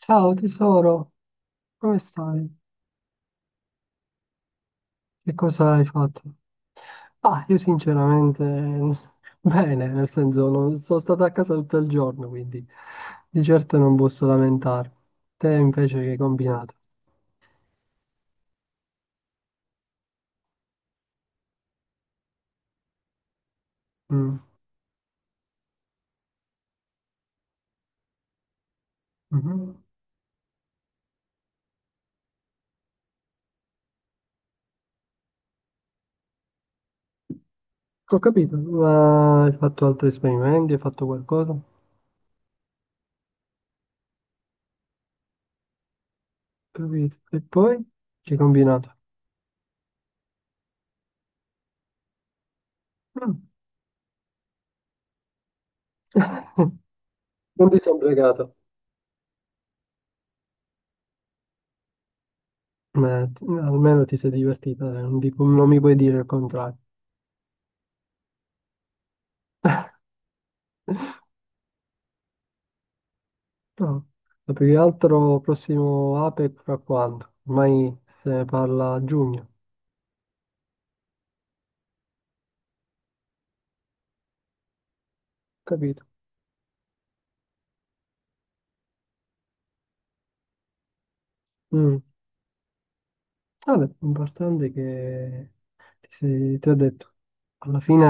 Ciao tesoro, come stai? Che cosa hai fatto? Ah, io sinceramente bene, nel senso non, sono stato a casa tutto il giorno, quindi di certo non posso lamentarmi. Te invece che hai combinato? Mm, mhm. Ho capito, ma hai fatto altri esperimenti, hai fatto qualcosa? Ho capito. E poi che hai combinato? Mm. Non ti sono pregato, ma almeno ti sei divertita, non mi puoi dire il contrario. No, ma più che altro prossimo APEC fra quando? Ormai se ne parla a giugno, capito? Mm. Vabbè, l'importante è che ti ho detto, alla fine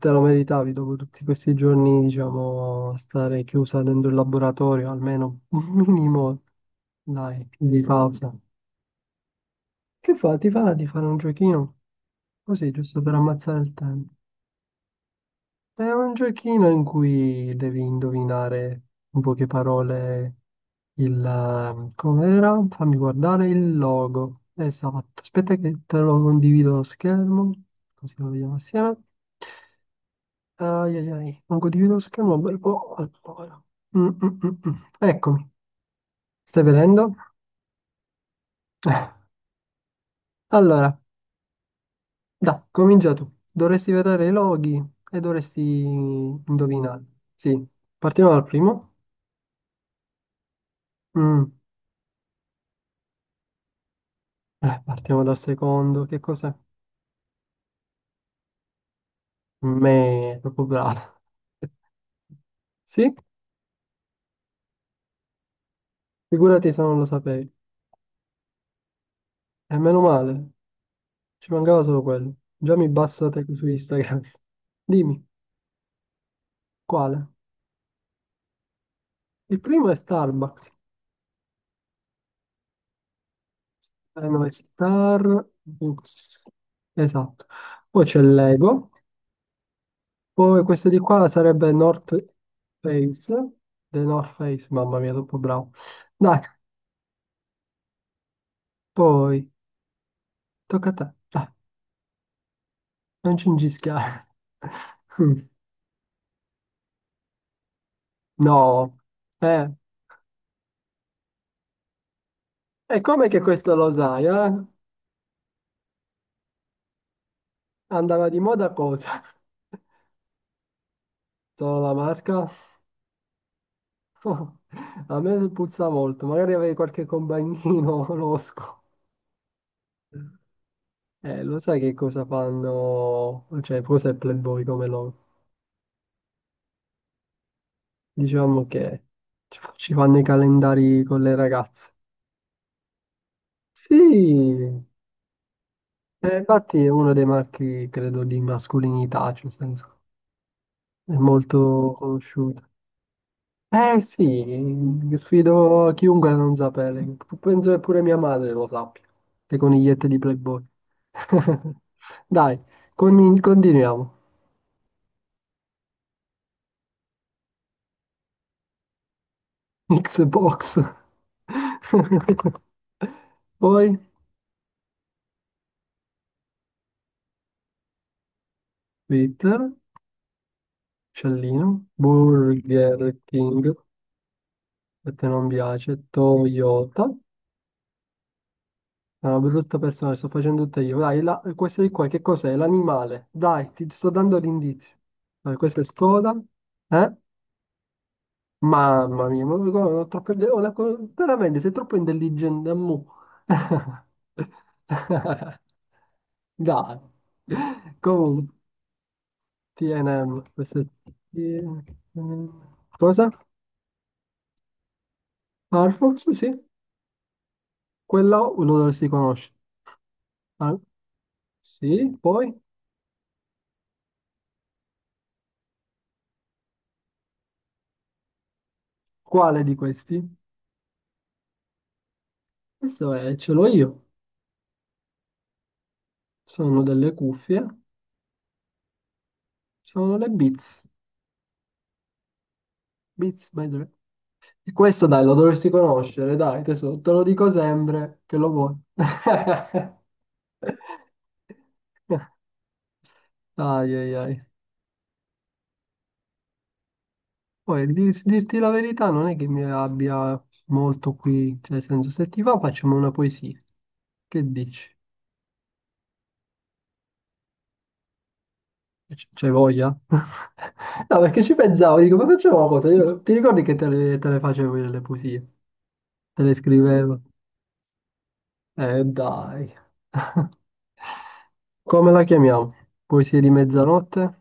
te lo meritavi dopo tutti questi giorni, diciamo, a stare chiusa dentro il laboratorio, almeno un minimo, dai, di pausa. Che fa? Ti fa di fare un giochino? Così, giusto per ammazzare il tempo. È un giochino in cui devi indovinare in poche parole il com'era? Fammi guardare il logo. Esatto, aspetta che te lo condivido lo schermo, così lo vediamo assieme. Ai ai ai, non condivido lo schermo un bel po'. Allora. Mm, mm, mm, mm. Eccomi, stai vedendo? Allora, dai, comincia tu. Dovresti vedere i loghi e dovresti indovinare. Sì, partiamo dal primo. Mm. Partiamo dal secondo. Che cos'è? Me, proprio bravo. Sì? Figurati se non lo sapevi. E meno male, ci mancava solo quello. Già mi bassate su Instagram. Dimmi, quale? Il primo è Starbucks. No, è Starbucks. Esatto. Poi c'è Lego. Poi questo di qua sarebbe North Face. The North Face, mamma mia, troppo bravo. Dai, poi, tocca a te. Dai, non cingischiare. Mm, no. Eh, e come che questo lo sai, eh? Andava di moda cosa? Solo la marca? A me puzza molto, magari avevi qualche compagnino losco. Lo sai che cosa fanno, cioè cos'è Playboy come loro? Diciamo che ci fanno i calendari con le ragazze. Sì, infatti è uno dei marchi, credo, di mascolinità, cioè nel senso è molto conosciuto. Eh sì, sfido chiunque a non sapere. Penso che pure mia madre lo sappia, le conigliette di Playboy. Dai, continuiamo. Xbox. Poi Twitter, Cellino, Burger King, a te non piace, Toyota. È una brutta persona, sto facendo tutte io. Dai, la, questa di qua, che cos'è? L'animale. Dai, ti sto dando l'indizio. Dai, questa è Skoda. Eh? Mamma mia, ma guarda, veramente sei troppo intelligente, ammu. Dai. Comunque, TNM, questo è TNM. Cosa? Firefox, sì. Quella lo dovresti conoscere. Ah, sì, poi? Quale di questi? Questo è, ce l'ho io. Sono delle cuffie, sono le Beats. Beats by Dre. Questo dai, lo dovresti conoscere, dai, tesoro, te lo dico sempre che lo vuoi. Ai ai ai. Poi dirti la verità non è che mi abbia molto qui, cioè nel senso se ti va facciamo una poesia. Che dici? C'hai voglia? No, perché ci pensavo, dico, ma facciamo una cosa, ti ricordi che te le facevo io le poesie? Te le scrivevo. Dai. Come la chiamiamo? Poesia di mezzanotte?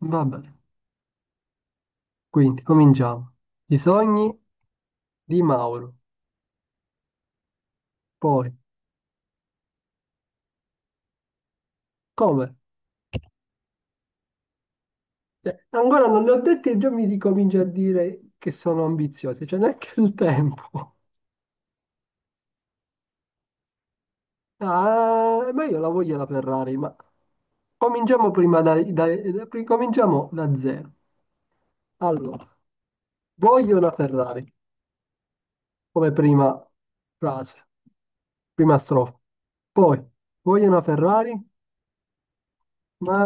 Vabbè, quindi cominciamo. I sogni di Mauro. Poi, come? Cioè, ancora non ne ho detti e già mi ricomincio a dire che sono ambiziosi, c'è neanche il tempo. Ah, ma io la voglio la Ferrari, ma cominciamo prima cominciamo da zero. Allora, voglio una Ferrari. Come prima frase, prima strofa. Poi, voglio una Ferrari, ma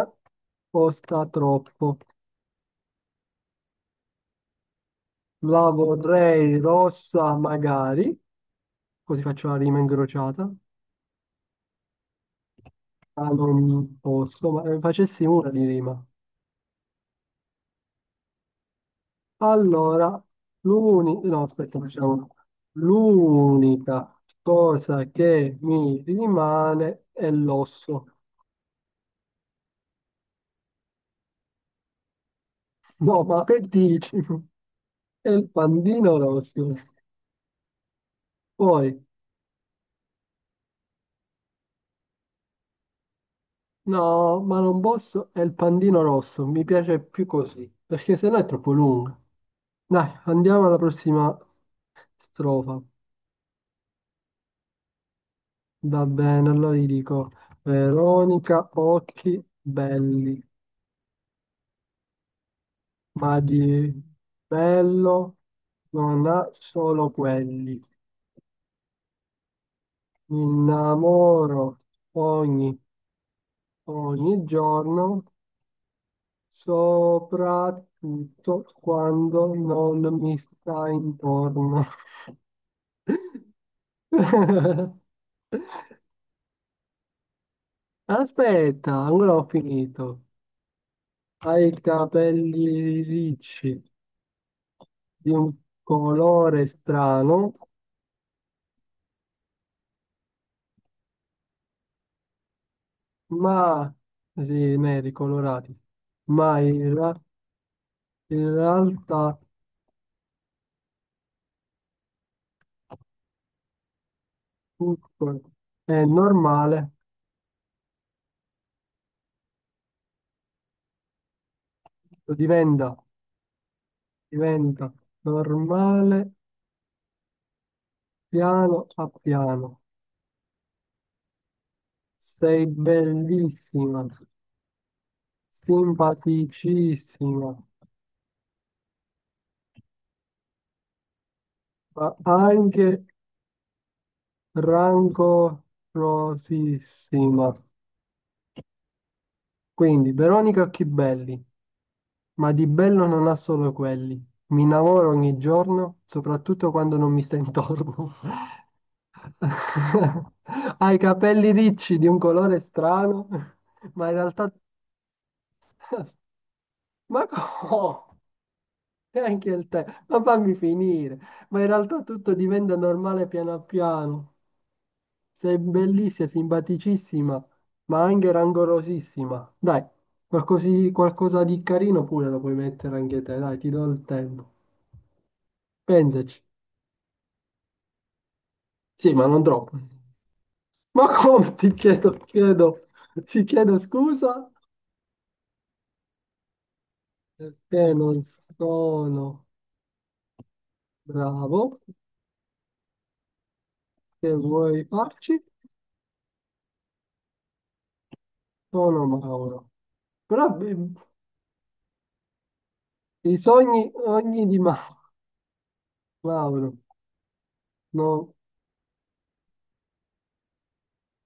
costa troppo. La vorrei rossa magari, così faccio la rima incrociata. Ma non posso, ma ne facessi una di rima. Allora, no, aspetta, facciamo una. L'unica cosa che mi rimane è l'osso. No, ma che dici? È il pandino rosso. Poi, no, ma non posso, è il pandino rosso, mi piace più così, perché sennò è troppo lunga. Dai, andiamo alla prossima strofa. Va bene, allora gli dico, Veronica, occhi belli, ma di bello non ha solo quelli. Mi innamoro ogni, ogni giorno soprattutto quando non mi sta intorno. Aspetta, ancora ho finito. Ha i capelli ricci di un colore strano, ma sì, neri colorati, ma in, ra- in realtà tutto è normale, diventa, diventa normale piano a piano. Sei bellissima, simpaticissima, ma anche rancorosissima. Quindi, Veronica Chibelli, ma di bello non ha solo quelli. Mi innamoro ogni giorno, soprattutto quando non mi stai intorno. Ha i capelli ricci di un colore strano, ma in realtà... Ma come? E anche il tè, ma fammi finire. Ma in realtà tutto diventa normale piano piano. Sei bellissima, simpaticissima, ma anche rangorosissima. Dai, qualcosa di carino pure lo puoi mettere anche te, dai, ti do il tempo. Pensaci. Sì, ma non troppo. Ma come ti chiedo, chiedo, ti chiedo scusa perché non sono bravo. Che vuoi farci? Sono Mauro. Però I sogni, ogni di Ma- Mauro, no,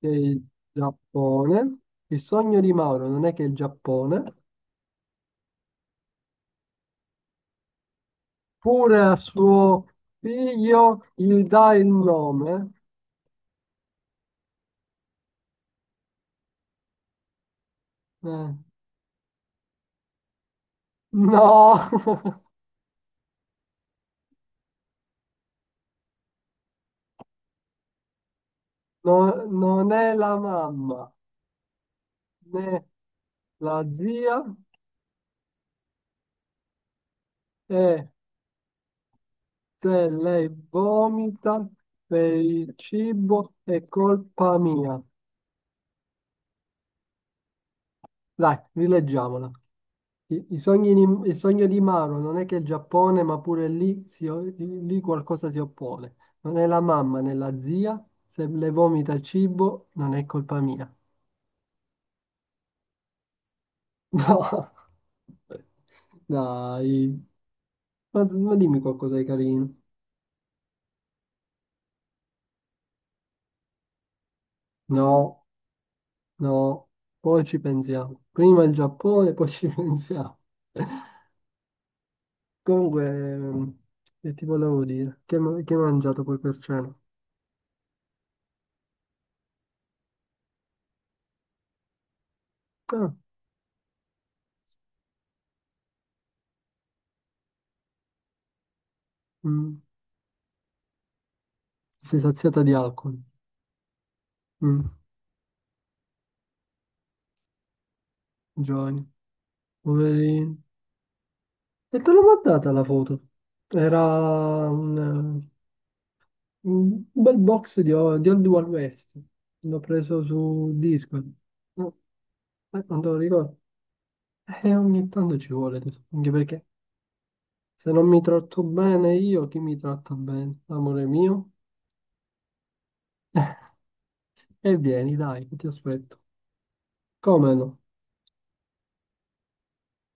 che il Giappone, il sogno di Mauro non è che il Giappone, pure a suo figlio gli dà il nome. Eh, No, no, non è la mamma, né la zia, e se lei vomita per il cibo è colpa mia. Dai, rileggiamola. Il sogno di Maro non è che il Giappone, ma pure lì, lì qualcosa si oppone. Non è la mamma né la zia, se le vomita il cibo non è colpa mia. No, dai, ma dimmi qualcosa di carino. No, no, poi ci pensiamo. Prima il Giappone, poi ci pensiamo. Comunque, ehm, che ti volevo dire? Che hai mangiato poi per cena? Ah, mm, sei saziata di alcol. Mm. Giovanni, poverino. E te l'ho mandata la foto. Era un, eh, un bel box di Old Wild West. L'ho preso su Discord. No, non te lo ricordo. E ogni tanto ci vuole, tesoro, anche perché se non mi tratto bene io, chi mi tratta bene? Amore mio? E vieni, dai, che ti aspetto. Come no?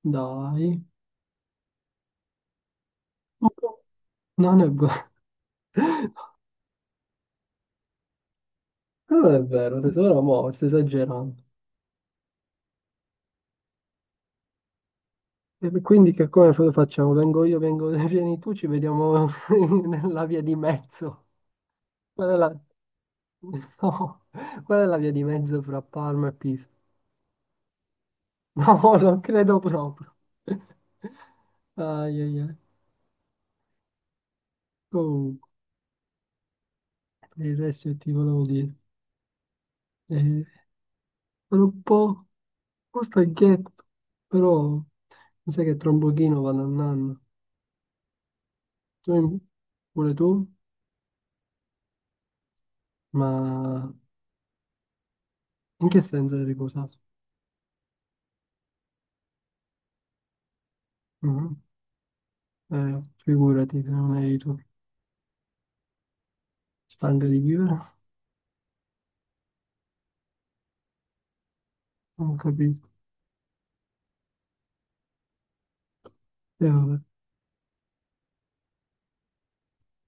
Dai. No, non è vero. Non è vero, tesoro, mo, stai esagerando. E quindi che come lo facciamo? Vieni tu, ci vediamo nella via di mezzo. Qual è la... No, qual è la via di mezzo fra Parma e Pisa? No, non credo proprio. Ai, ai, ai. Comunque, per il resto che ti volevo dire. Eh, sono un po' stanchetto, però mi sa che tra un pochino vado a nanna. Tu, pure tu? Ma in che senso eri riposato? Mhm. Figurati se non eri tu, stanca di vivere, non capisco. E vabbè,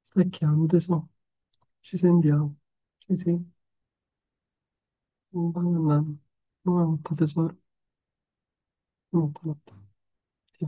stacchiamo tesoro, ci sentiamo. Sì, sì, buona annata. Buonanotte tesoro, buonanotte. Ti